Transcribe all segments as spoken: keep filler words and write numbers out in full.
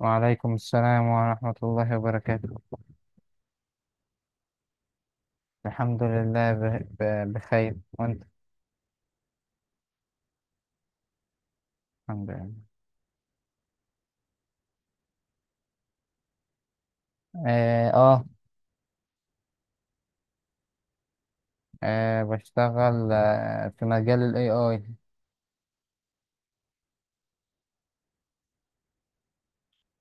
وعليكم السلام ورحمة الله وبركاته. الحمد لله، ب- ب- بخير، وانت؟ الحمد لله. اه، آه. آه بشتغل آه في مجال ال إيه آي.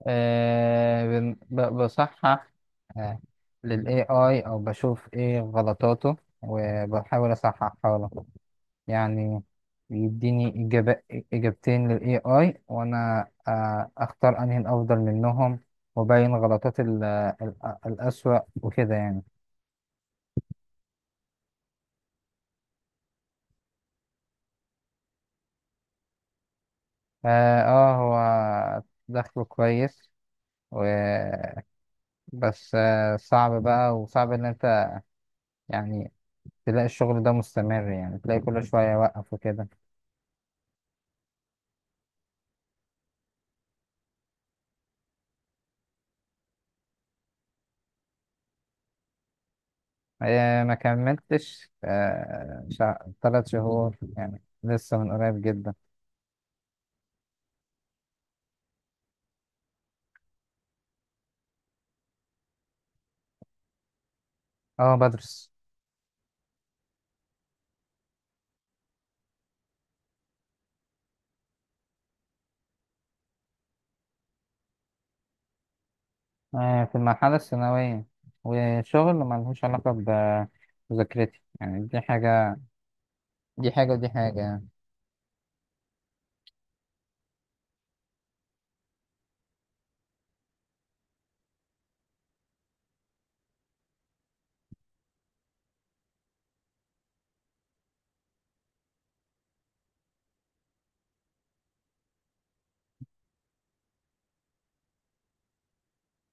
آه بن- ب- بصحح آه لل إيه آي، او بشوف ايه غلطاته وبحاول اصححها له، يعني يديني إجابة، إجابتين لل إيه آي، وانا آه اختار انهي الافضل منهم، وبين غلطات ال- ال- الأسوأ وكده، يعني. اه، آه، هو دخله كويس و... بس آه صعب بقى، وصعب ان انت، يعني، تلاقي الشغل ده مستمر، يعني تلاقي كل شوية يوقف وكده. آه ما كملتش آه شع... تلات شهور، يعني لسه من قريب جدا. اه، بدرس. آه في المرحلة الثانوية، وشغل ملهوش علاقة بمذاكرتي، يعني دي حاجة دي حاجة ودي حاجة، يعني.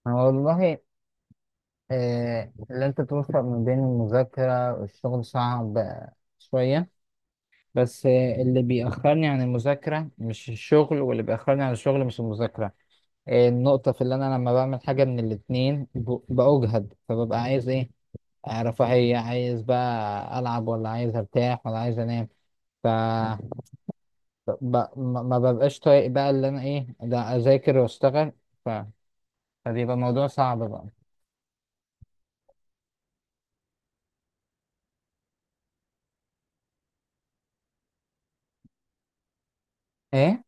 والله، آه، اللي انت توفق ما بين المذاكرة والشغل صعب آه، شوية، بس آه، اللي بيأخرني عن المذاكرة مش الشغل، واللي بيأخرني عن الشغل مش المذاكرة. آه، النقطة في اللي أنا لما بعمل حاجة من الاتنين ب- بأجهد، فببقى عايز إيه، آه، رفاهية، عايز بقى ألعب، ولا عايز أرتاح، ولا عايز أنام. ف ب... ما ما ببقاش طايق بقى، اللي أنا إيه ده، أذاكر وأشتغل. ف... فبيبقى الموضوع صعب بقى. إيه؟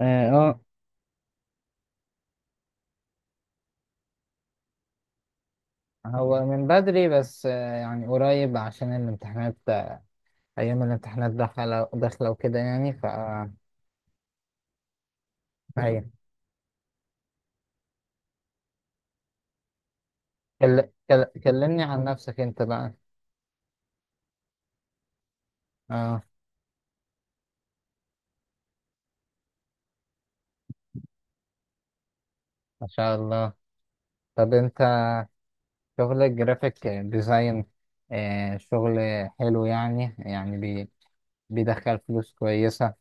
اه، هو من بدري، بس آه، يعني قريب عشان الامتحانات، آه، أيام الامتحانات داخلة داخلة وكده، يعني ف هي. كل... كل... كلمني عن نفسك أنت بقى. اه. ما شاء الله. طب أنت شغل الجرافيك ديزاين، آه، شغل حلو، يعني يعني بي... بيدخل فلوس كويسة.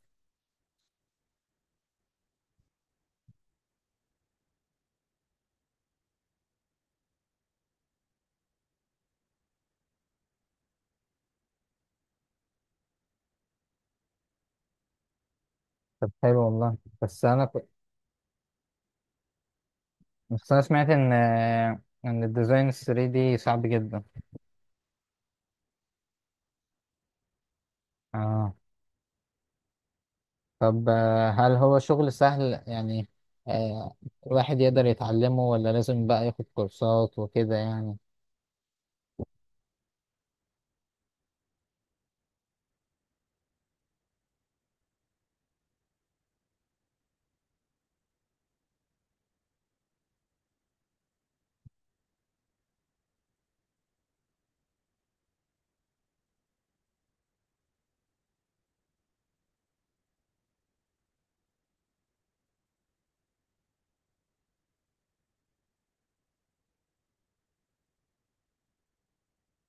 طب حلو والله، بس أنا ك- بس أنا سمعت إن آه، إن الديزاين ثري دي صعب جدا. اه، طب آه، هل هو شغل سهل، يعني آه، الواحد يقدر يتعلمه، ولا لازم بقى ياخد كورسات وكده، يعني.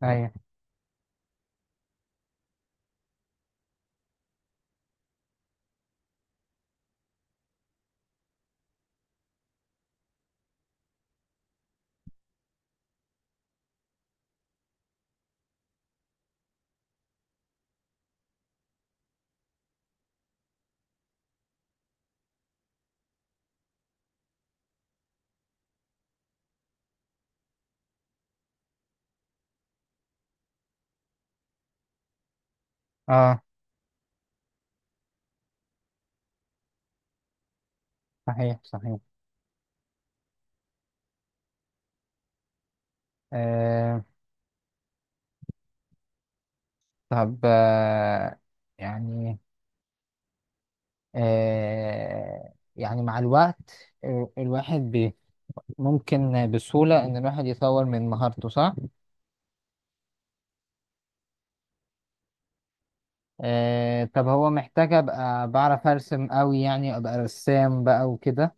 ايوه. اه. صحيح، صحيح. آه طب آه يعني آه يعني مع الوقت آه، الواحد بي ممكن بسهولة ان الواحد يطور من مهارته، صح؟ آه طب هو محتاج ابقى بعرف ارسم قوي، يعني ابقى رسام بقى وكده.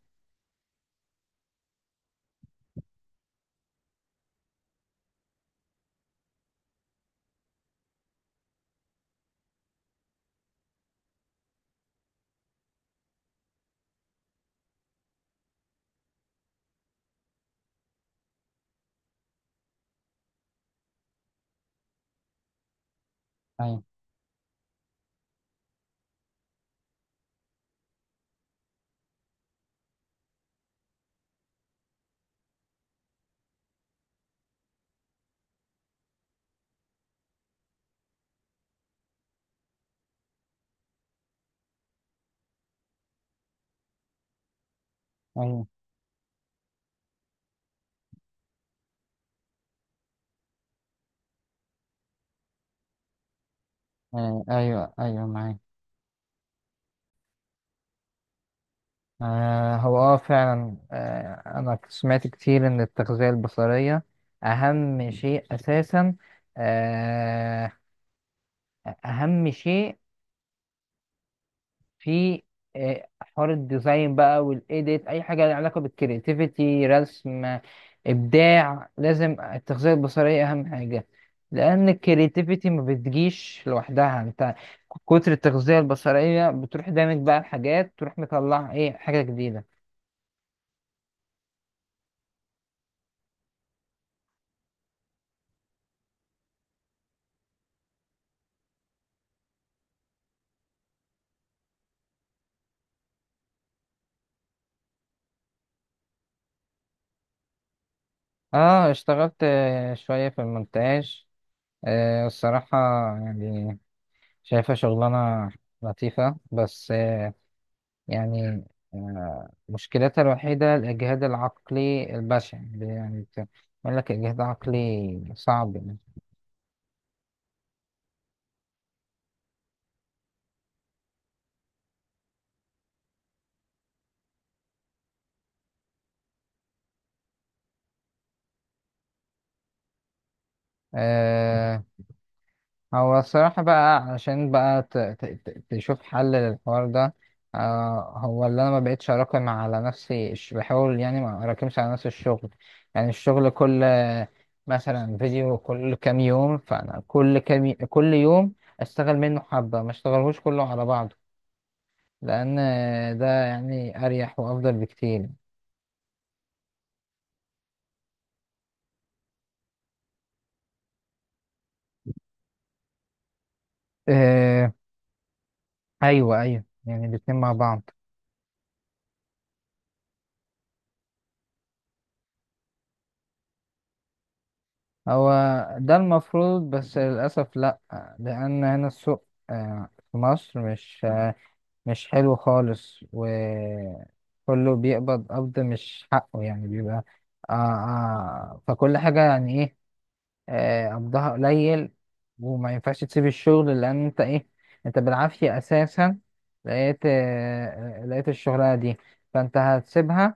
ايوه، ايوه. آه ايوه، ايوه، معاك. آه هو اه فعلا، آه انا سمعت كتير ان التغذية البصرية اهم شيء اساسا. آه اهم شيء في آه، حوار الديزاين بقى، والايديت، اي حاجة لها علاقة بالكرياتيفيتي، رسم، آه، ابداع، لازم التغذية البصرية اهم حاجة، لان الكرياتيفيتي ما بتجيش لوحدها، انت كتر التغذية البصرية بتروح دامج بقى الحاجات، تروح مطلع ايه حاجة جديدة. اه، اشتغلت آه، شوية في المونتاج، آه، الصراحة يعني، شايفها شغلانة لطيفة، بس آه، يعني آه، مشكلتها الوحيدة الإجهاد العقلي البشع، يعني بت- بيقول لك إجهاد عقلي صعب، يعني. آه هو الصراحة بقى، عشان بقى ت- ت- ت- تشوف حل للحوار ده. آه هو اللي أنا ما بقتش أراكم على نفسي الش- بحاول يعني ما أراكمش على نفسي الشغل، يعني الشغل كل مثلا فيديو كل كام يوم، فأنا كل كام ي- كل يوم أشتغل منه حبة، ما أشتغلهوش كله على بعضه، لأن ده يعني أريح وأفضل بكتير. آه أيوه، أيوه، يعني الاتنين مع بعض. هو ده المفروض، بس للأسف لأ، لأن هنا السوق آه، في مصر مش آه، مش حلو خالص، وكله بيقبض قبض مش حقه، يعني بيبقى آه آه فكل حاجة يعني إيه، آه، قبضها قليل، وما ينفعش تسيب الشغل لأن أنت إيه، أنت بالعافية أساسا لقيت آه، لقيت الشغلانة دي، فأنت هتسيبها،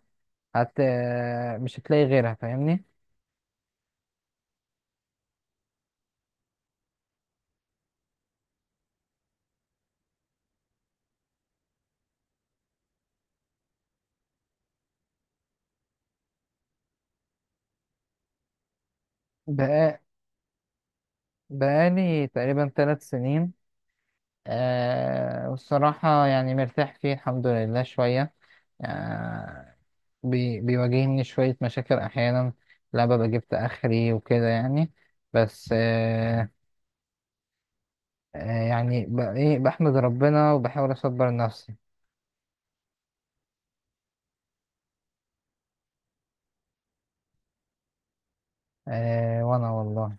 هت آه، مش هتلاقي غيرها، فاهمني؟ بقالي تقريبا ثلاث سنين. آه والصراحة يعني مرتاح فيه الحمد لله، شوية آه بي بيواجهني شوية مشاكل أحيانا، لا ببقى جبت آخري وكده، يعني، بس آه آه يعني ب- إيه بحمد ربنا وبحاول أصبر نفسي. آه وأنا والله.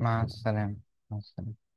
مع السلامة. مع السلامة